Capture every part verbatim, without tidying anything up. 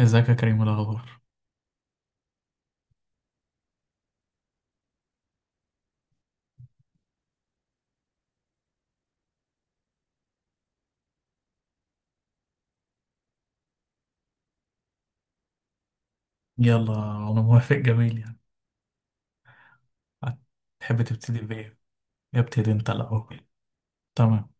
ازيك يا كريم؟ إيه الاخبار؟ يلا انا موافق، جميل يعني. تحب تبتدي بايه؟ ابتدي انت الاول. تمام.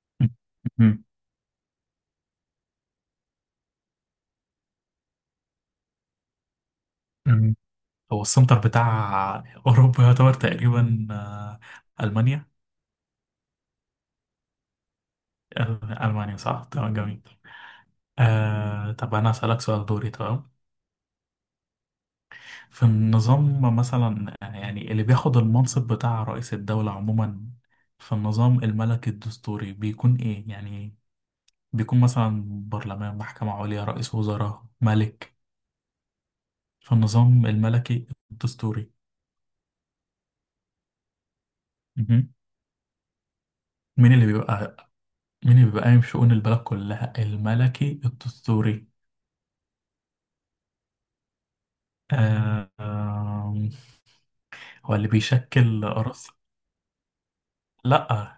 مم. مم. هو السنتر بتاع اوروبا يعتبر تقريبا، آه، المانيا. آه، المانيا، صح، تمام، جميل. آه، طب انا اسالك سؤال دوري، تمام. في النظام مثلا، آه، يعني اللي بياخد المنصب بتاع رئيس الدولة عموما في النظام الملكي الدستوري بيكون ايه يعني؟ بيكون مثلا برلمان، محكمة عليا، رئيس وزراء، ملك، فالنظام الملكي الدستوري. مهم. مين اللي بيبقى مين اللي بيبقى قايم شؤون البلد كلها؟ الملكي الدستوري. آه، آم، هو اللي بيشكل رأس. لأ،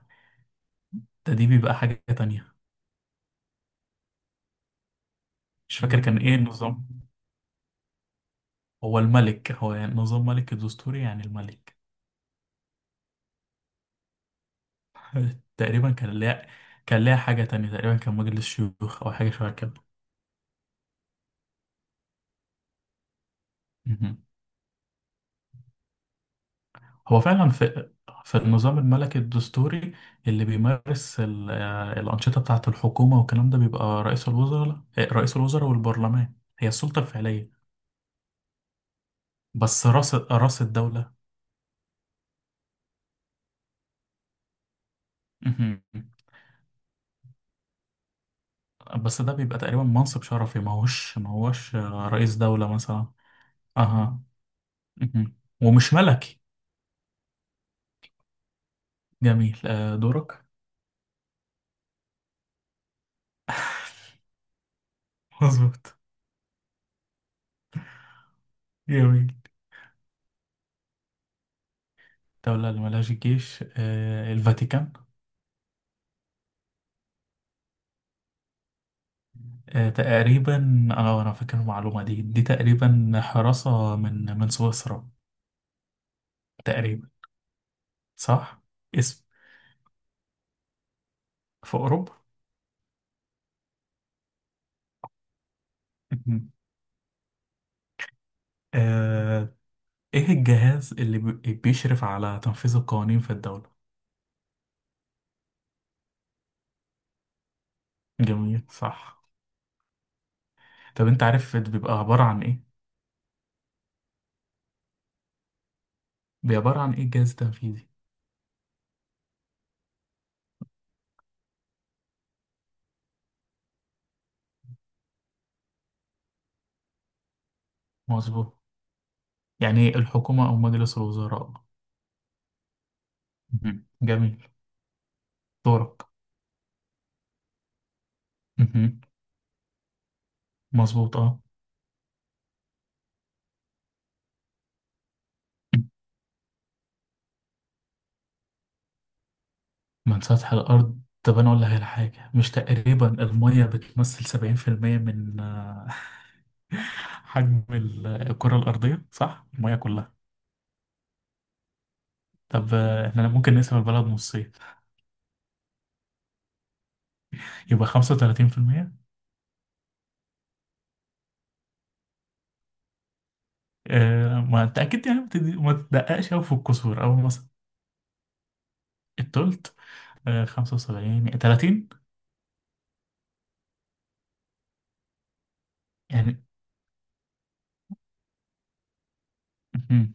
ده دي بيبقى حاجة تانية. مش فاكر كان إيه النظام. هو الملك، هو يعني نظام ملك الدستوري يعني الملك. تقريبا كان ليها، كان ليها حاجة تانية، تقريبا كان مجلس شيوخ أو حاجة شبه كده. هو فعلا في في النظام الملكي الدستوري اللي بيمارس ال- آه، الأنشطة بتاعة الحكومة والكلام ده بيبقى رئيس الوزراء. آه، رئيس الوزراء والبرلمان، هي السلطة الفعلية. بس رأس رأس الدولة. مهم. بس ده بيبقى تقريبا منصب شرفي، ما هوش ما هوش آه، رئيس دولة مثلا. أها. مهم. ومش ملكي. جميل، آه، دورك. مظبوط. جميل. دولة اللي ملهاش جيش، آه، الفاتيكان. آه، تقريبا، اه، انا فاكر المعلومة دي، دي تقريبا حراسة من من سويسرا تقريبا. صح. اسم. في اوروبا. مهم. آه، ايه الجهاز اللي بي- بيشرف على تنفيذ القوانين في الدولة؟ جميل، صح. طب انت عارف بيبقى عبارة عن ايه؟ بيبقى عبارة عن ايه الجهاز التنفيذي؟ مظبوط، يعني الحكومة او مجلس الوزراء. مهم. جميل. دورك. مهم. مظبوط، اه. من سطح الأرض؟ طب أنا أقول لك على حاجة، مش تقريبا المية بتمثل سبعين في المية من آه، حجم ال- الكرة الأرضية، صح؟ المية كلها. طب آه، إحنا ممكن نقسم البلد نصين، يبقى خمسة وتلاتين في المية. آه، ما أنت أكيد يعني ما بتدي- ما تدققش أوي في الكسور أو مثلا. التلت. آه، خمسة وسبعين تلاتين يعني. مهم.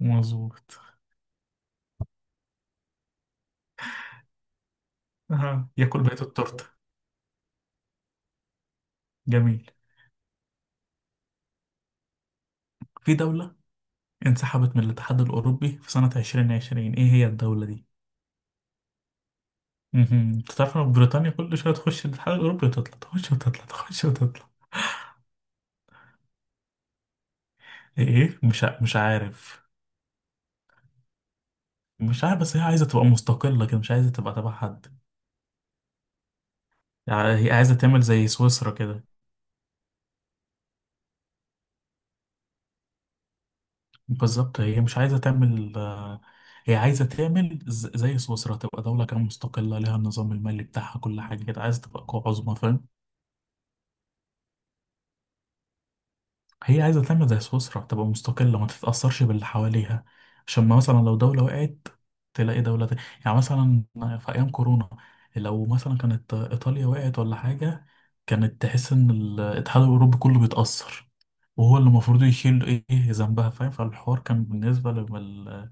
مظبوط. أها. ياكل بقية التورتة. جميل. في دولة انسحبت من الاتحاد الأوروبي في سنة عشرين عشرين، إيه هي الدولة؟ مهم. انت تعرف إن بريطانيا كل شويه تخش الاتحاد الاوروبي وتطلع، تخش وتطلع، تخش وتطلع. ايه؟ إيه؟ مش ع... مش عارف. مش عارف، بس هي عايزه تبقى مستقله كده، مش عايزه تبقى تبع حد يعني. هي عايزه تعمل زي سويسرا كده. بالظبط، هي مش عايزه تعمل آه، هي عايزه تعمل ز- زي سويسرا، تبقى دوله كده مستقله، لها النظام المالي بتاعها، كل حاجه كده عايزه تبقى قوه عظمى، فاهم؟ هي عايزة تعمل زي سويسرا، تبقى مستقلة ما تتأثرش باللي حواليها. عشان ما مثلا لو دولة وقعت، تلاقي دولة تانية، يعني مثلا في أيام كورونا، لو مثلا كانت إيطاليا وقعت ولا حاجة، كانت تحس إن الاتحاد الأوروبي كله بيتأثر، وهو اللي المفروض يشيل إيه، إيه ذنبها؟ فاهم؟ فالحوار كان بالنسبة لل،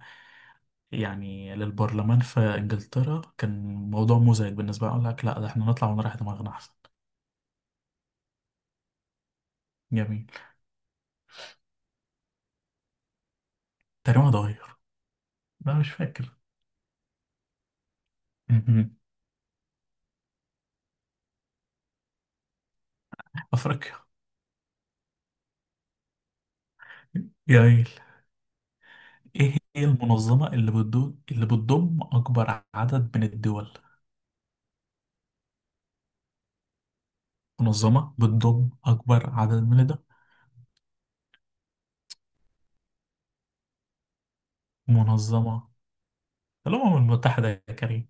يعني للبرلمان في إنجلترا، كان موضوع مزعج بالنسبة لي. أقول لك، لأ، ده إحنا نطلع ونريح دماغنا أحسن. جميل. تقريبا اتغير. لا مش فاكر. افريقيا. جميل. إيه هي المنظمة اللي بتضم اللي بتضم أكبر عدد من الدول؟ منظمة بتضم أكبر عدد من الدول. منظمة الأمم المتحدة يا كريم.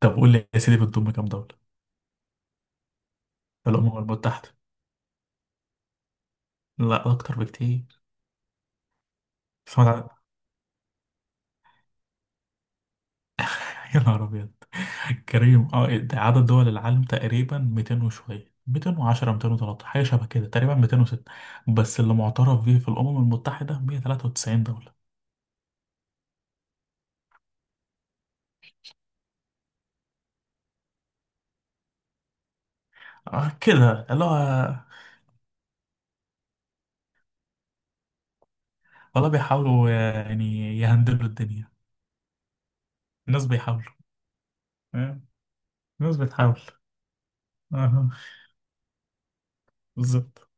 طب قول لي يا سيدي، بتضم كام دولة؟ الأمم المتحدة. لا، أكتر بكتير. سمعت عن- يا نهار أبيض. كريم، أه، إيه ده؟ عدد دول العالم تقريبا ميتين وشوية، ميتين وعشرة، ميتين وتلتاشر حاجة شبه كده، تقريبا ميتين وستة. بس اللي معترف بيه في الأمم المتحدة مية وتلاتة وتسعين دولة. آه كده لا. والله بيحاولوا، آه، يعني يهندلوا الدنيا. الناس بيحاولوا، آه، الناس بتحاول، آه، بالظبط.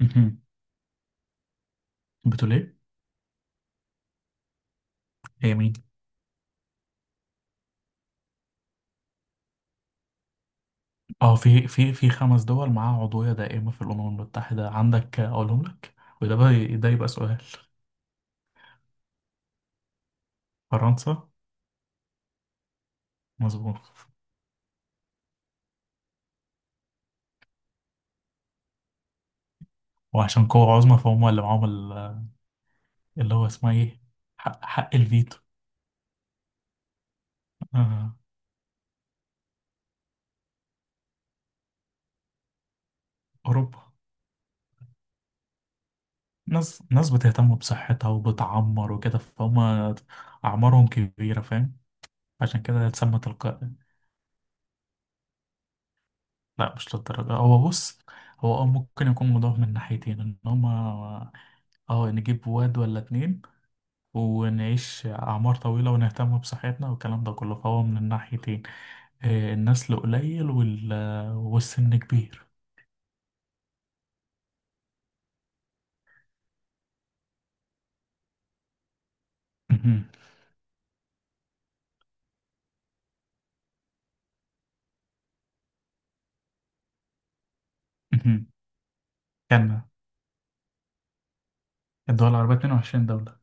مهم. بتقول ايه؟ هي مين؟ اه، في في في خمس دول معاها عضوية دائمة في الأمم المتحدة. عندك، آه، أقولهم لك، وده بقى ده يبقى سؤال. فرنسا. مظبوط. وعشان قوة عظمى، فهم اللي معاهم ال- اللي هو اسمها ايه؟ حق, حق الفيتو. آه. أوروبا. ناس ناس بتهتم بصحتها وبتعمر وكده، فهم أعمارهم كبيرة، فاهم؟ عشان كده اتسمى تلقائي. لا مش للدرجة، هو بص، هو اه ممكن يكون موضوع من ناحيتين، ان هما اه نجيب واد ولا اتنين ونعيش أعمار طويلة ونهتم بصحتنا والكلام ده كله، فهو من الناحيتين آه، النسل قليل وال... والسن كبير. مهم. مهم. كان الدول العربية اتنين وعشرين دولة.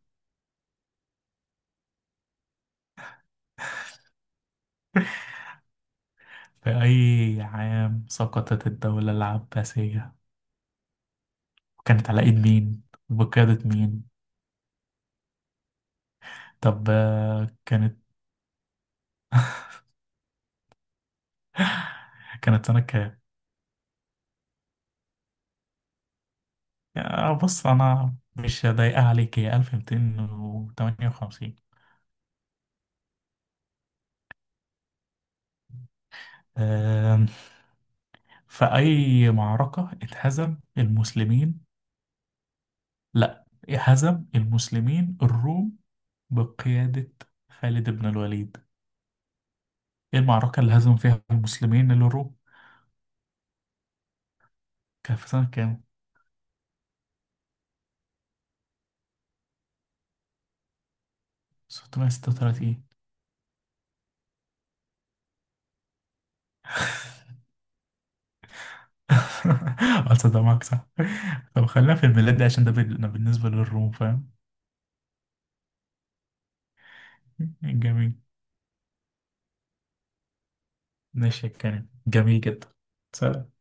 في أي عام سقطت الدولة العباسية؟ وكانت على إيد مين وبقيادة مين؟ طب آه، كانت. كانت سنة كام؟ آه، بص، أنا مش ضايقة عليك، هي ألف ومتين وتمنية وخمسين. آم، فأي معركة اتهزم المسلمين؟ لا، هزم المسلمين الروم بقيادة خالد بن الوليد. إيه المعركة اللي هزم فيها المسلمين الروم؟ كان في سنة كام؟ ستمية وستة وتلاتين. اه، تصدق معاك؟ صح. طب خلينا في الميلاد ده عشان ده بال- بالنسبة للروم، فاهم؟ جميل. ماشي يا كريم، جميل جدا. سلام.